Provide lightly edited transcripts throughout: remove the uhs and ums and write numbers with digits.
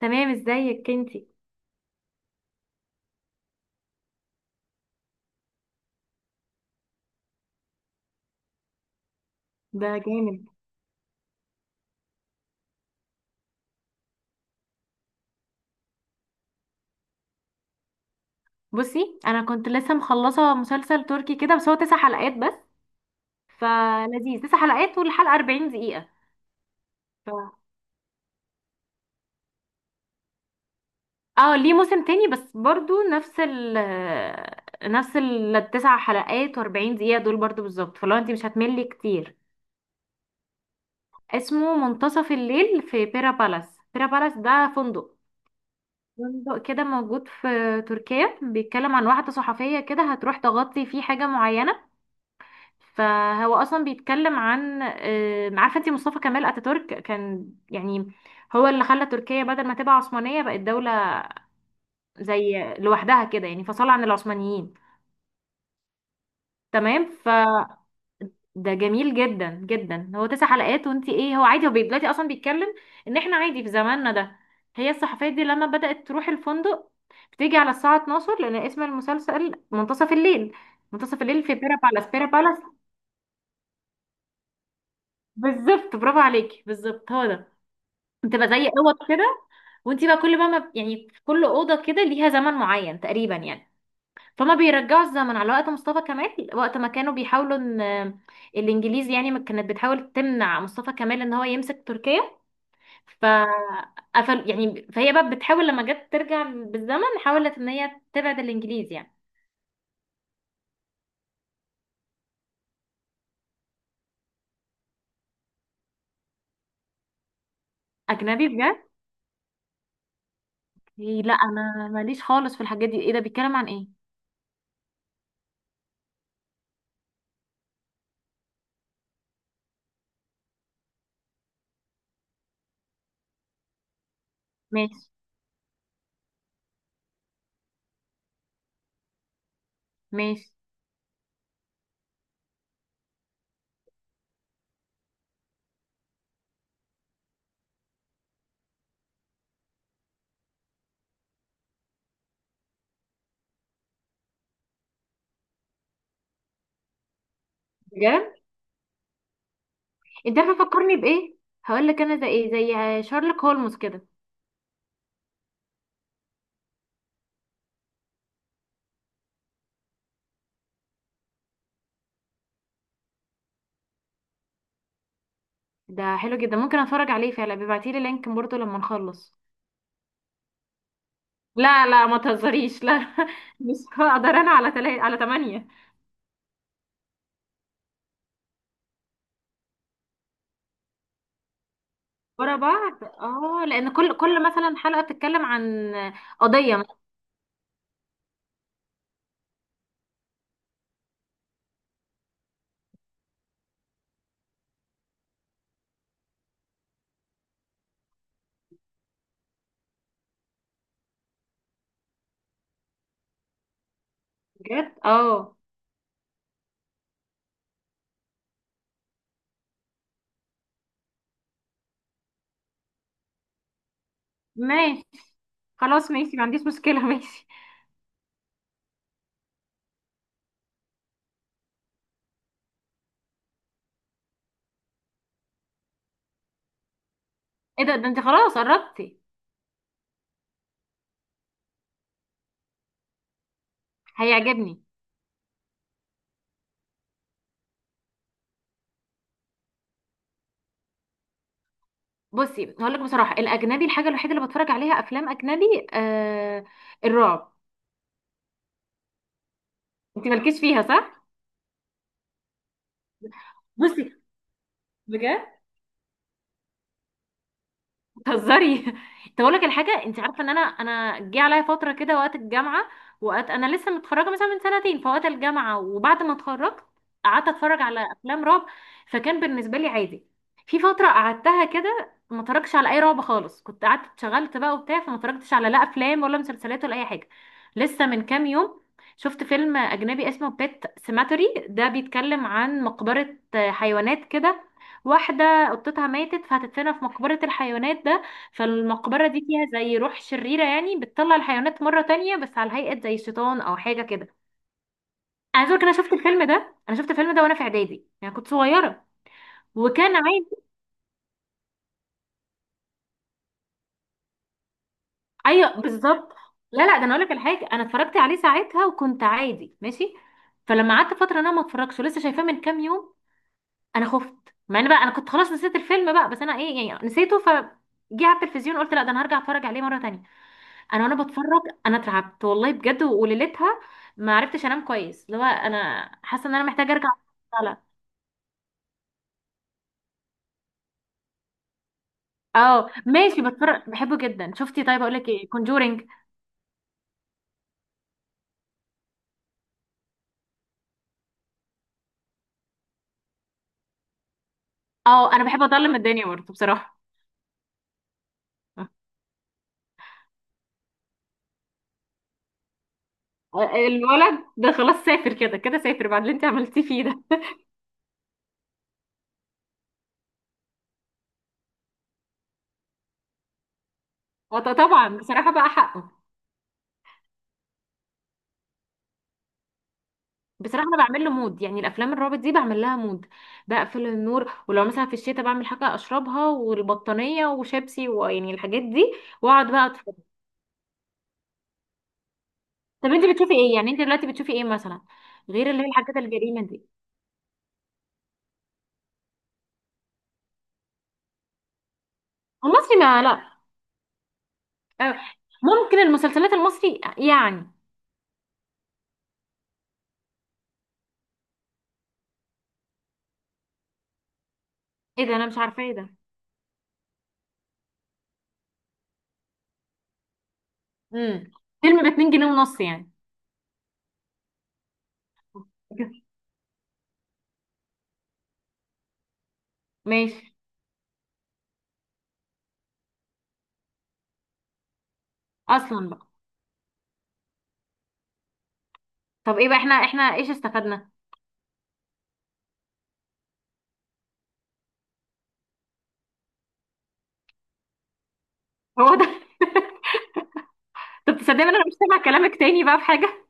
تمام، ازيك انتي؟ ده جامد. بصي، انا كنت لسه مخلصه مسلسل تركي كده، بس هو 9 حلقات بس، فلذيذ. 9 حلقات والحلقه 40 دقيقه. ف... اه ليه موسم تاني بس برضو نفس ال التسع حلقات و40 دقيقه دول برضو بالظبط، فلو انتي مش هتملي كتير. اسمه منتصف الليل في بيرا بالاس. بيرا بالاس ده فندق، فندق كده موجود في تركيا. بيتكلم عن واحده صحفيه كده، هتروح تغطي فيه حاجه معينه. فهو اصلا بيتكلم عن عارفه انت مصطفى كمال اتاتورك كان يعني هو اللي خلى تركيا بدل ما تبقى عثمانيه بقت دوله زي لوحدها كده، يعني فصل عن العثمانيين. تمام ف... ده جميل جدا جدا. هو 9 حلقات وانت ايه، هو عادي، هو دلوقتي اصلا بيتكلم ان احنا عادي في زماننا ده. هي الصحفيه دي لما بدات تروح الفندق بتيجي على الساعه 12، لان اسم المسلسل منتصف الليل. منتصف الليل في بيرا بالاس. بيرا بالاس بالظبط، برافو عليكي، بالظبط هو ده. بتبقى زي اوض كده، وانت بقى كل بقى ما يعني في كل اوضه كده ليها زمن معين تقريبا يعني. فما بيرجعوا الزمن على وقت مصطفى كمال، وقت ما كانوا بيحاولوا ان الانجليز يعني ما كانت بتحاول تمنع مصطفى كمال ان هو يمسك تركيا، فقفل يعني. فهي بقى بتحاول لما جت ترجع بالزمن حاولت ان هي تبعد الانجليز يعني. اجنبي بجد؟ لا انا ماليش خالص في الحاجات دي. ايه ده؟ بيتكلم عن ايه؟ ماشي. ماشي. بجد؟ انت عارفه فكرني بايه؟ هقول لك انا زي ايه، زي شارلوك هولمز كده. ده حلو جدا، ممكن اتفرج عليه فعلا. بيبعتي لي لينك برضه لما نخلص. لا لا، ما تهزريش، لا. مش هقدر انا على تمانية. ورا بعض؟ اه لان كل مثلا حلقه بتتكلم عن قضيه مثلاً. بجد؟ اه، ماشي. خلاص ماشي، ما عنديش مشكله. ماشي. ايه ده؟ ده انت خلاص قربتي. هيعجبني. بصي هقول لك بصراحه، الاجنبي الحاجه الوحيده اللي بتفرج عليها افلام اجنبي، الرعب. انت مالكيش فيها صح؟ بصي بجد. بتهزري. طب اقول لك الحاجه، انت عارفه ان انا، جه عليا فتره كده وقت الجامعه، وقت انا لسه متخرجه مثلا من سنتين. فوقت الجامعه وبعد ما اتخرجت قعدت اتفرج على افلام رعب، فكان بالنسبه لي عادي. في فتره قعدتها كده ما اتفرجش على اي رعب خالص، كنت قعدت اتشغلت بقى وبتاع، فما اتفرجتش على لا افلام ولا مسلسلات ولا اي حاجه. لسه من كام يوم شفت فيلم اجنبي اسمه بيت سيماتوري، ده بيتكلم عن مقبره حيوانات كده. واحده قطتها ماتت فهتدفنها في مقبره الحيوانات. فالمقبرة دي فيها زي روح شريرة يعني، بتطلع الحيوانات مرة تانية بس على هيئة زي شيطان أو حاجة كده. عايزة أقولك أنا شفت الفيلم ده، أنا شفت الفيلم ده وأنا في إعدادي يعني، كنت صغيرة وكان عادي. أيوة بالظبط. لا لا، ده أنا أقولك الحاجة، أنا اتفرجت عليه ساعتها وكنت عادي ماشي. فلما قعدت فترة أنا ما اتفرجش، ولسه شايفاه من كام يوم، أنا خفت. مع إن بقى أنا كنت خلاص نسيت الفيلم بقى، بس أنا إيه يعني، نسيته. ف جه على التلفزيون قلت لا ده أنا هرجع أتفرج عليه مرة تانية. انا وانا بتفرج انا اترعبت والله بجد، وليلتها ما عرفتش انام كويس، اللي هو انا حاسه ان انا محتاجه ارجع أطلع. اه ماشي، بتفرج، بحبه جدا. شفتي؟ طيب اقول لك ايه، كونجورينج. اه انا بحب اضلم الدنيا برضه بصراحه. الولد ده خلاص سافر، كده كده سافر بعد اللي انت عملتيه فيه ده. طبعا بصراحه بقى حقه. بصراحه انا بعمل له مود، يعني الافلام الرابط دي بعمل لها مود. بقفل النور، ولو مثلا في الشتاء بعمل حاجه اشربها والبطانيه وشيبسي، ويعني الحاجات دي، واقعد بقى. طب انت بتشوفي ايه يعني؟ انت دلوقتي بتشوفي ايه مثلا، غير اللي هي الحاجات الجريمه دي؟ المصري ما لا. اه، ممكن المسلسلات المصري يعني. ايه ده؟ انا مش عارفه ايه ده. امم فيلم ب 2 جنيه ونص يعني. ماشي. اصلا بقى. طب ايه بقى، احنا احنا ايش استفدنا؟ هو ده. طب تصدقني انا مش سامع كلامك؟ تاني بقى في حاجه.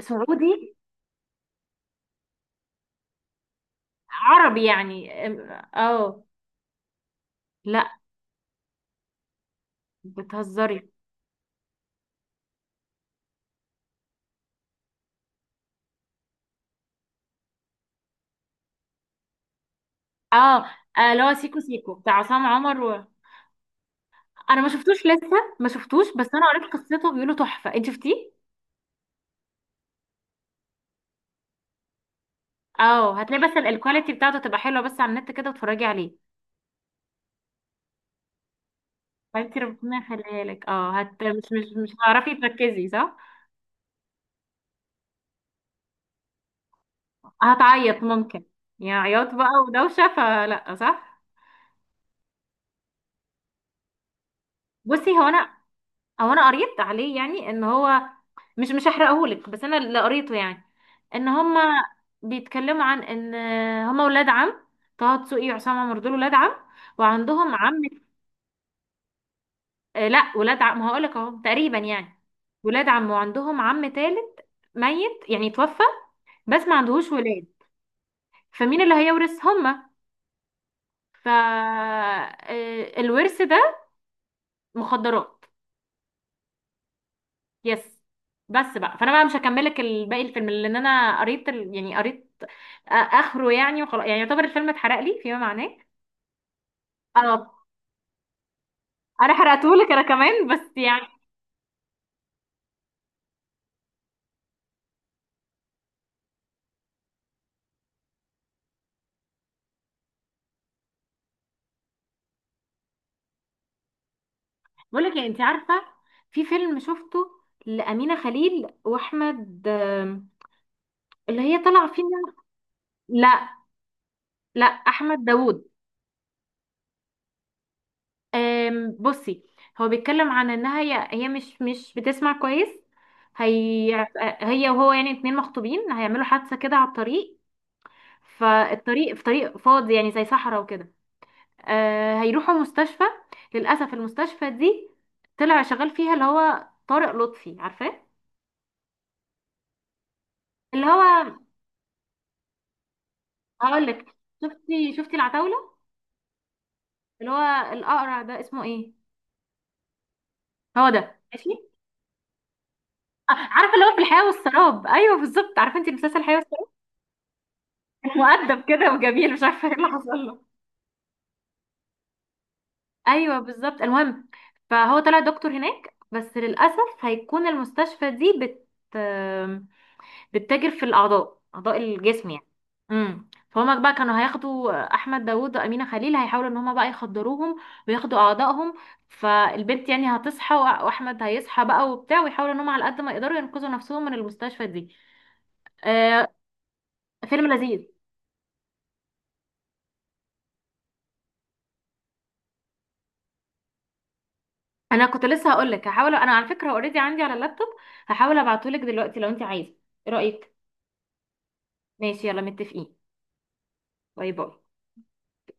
سعودي؟ عربي يعني اه. لا، بتهزري. اه. اه، اللي هو سيكو سيكو بتاع عصام عمر. انا ما شفتوش لسه. ما شفتوش بس انا قريت قصته، بيقولوا تحفه. انت شفتيه؟ اه هتلاقي بس الكواليتي بتاعته تبقى حلوه بس على النت كده وتتفرجي عليه. فانت ربنا يخليها لك، اه، مش هتعرفي تركزي صح. هتعيط ممكن، يعني عياط بقى ودوشه، فلا صح. بصي هو انا، هو انا قريت عليه يعني، ان هو مش هحرقهولك، بس انا اللي قريته يعني، ان هما بيتكلموا عن ان هما ولاد عم. طه دسوقي وعصام عمر دول ولاد عم، وعندهم عم. آه لا، ولاد عم، ما هقولك اهو تقريبا يعني. ولاد عم وعندهم عم تالت، ميت يعني توفى، بس ما عندهوش ولاد. فمين اللي هيورث هما؟ ف الورث ده مخدرات. يس. بس بقى، فانا بقى مش هكملك الباقي الفيلم، لان انا قريت يعني قريت اخره يعني وخلاص، يعني يعتبر الفيلم اتحرق لي فيما معناه. اه، انا حرقتهولك انا كمان بس يعني. بقول لك، انت عارفه، في فيلم شفته لأمينة خليل وأحمد، اللي هي طالعه فيه إنها- لا لا، احمد داوود. بصي، هو بيتكلم عن انها هي مش بتسمع كويس. هي، هي وهو يعني اتنين مخطوبين، هيعملوا حادثه كده على الطريق. فالطريق في طريق فاضي يعني زي صحراء وكده. هيروحوا مستشفى. للاسف المستشفى دي طلع شغال فيها اللي هو طارق لطفي، عارفاه؟ اللي هو، هقول لك، شفتي، شفتي العتاوله؟ اللي هو الاقرع ده اسمه ايه؟ هو ده، ماشي. عارفه اللي هو في الحياه والسراب، ايوه بالظبط، عارفه انت مسلسل الحياه والسراب؟ كان مؤدب كده وجميل، مش عارفه ايه اللي حصل له. ايوه بالظبط. المهم، فهو طلع دكتور هناك، بس للاسف هيكون المستشفى دي بتتاجر في الاعضاء، اعضاء الجسم يعني. امم. فهما بقى كانوا هياخدوا احمد داوود وامينه خليل، هيحاولوا ان هما بقى يخدروهم وياخدوا اعضائهم. فالبنت يعني هتصحى، واحمد هيصحى بقى وبتاع، ويحاولوا ان هما على قد ما يقدروا ينقذوا نفسهم من المستشفى دي. آه، فيلم لذيذ. انا كنت لسه هقول لك، هحاول انا على فكره، اوريدي عندي على اللابتوب، هحاول ابعته لك دلوقتي لو انت عايزه. ايه رايك؟ ماشي، يلا متفقين. باي باي.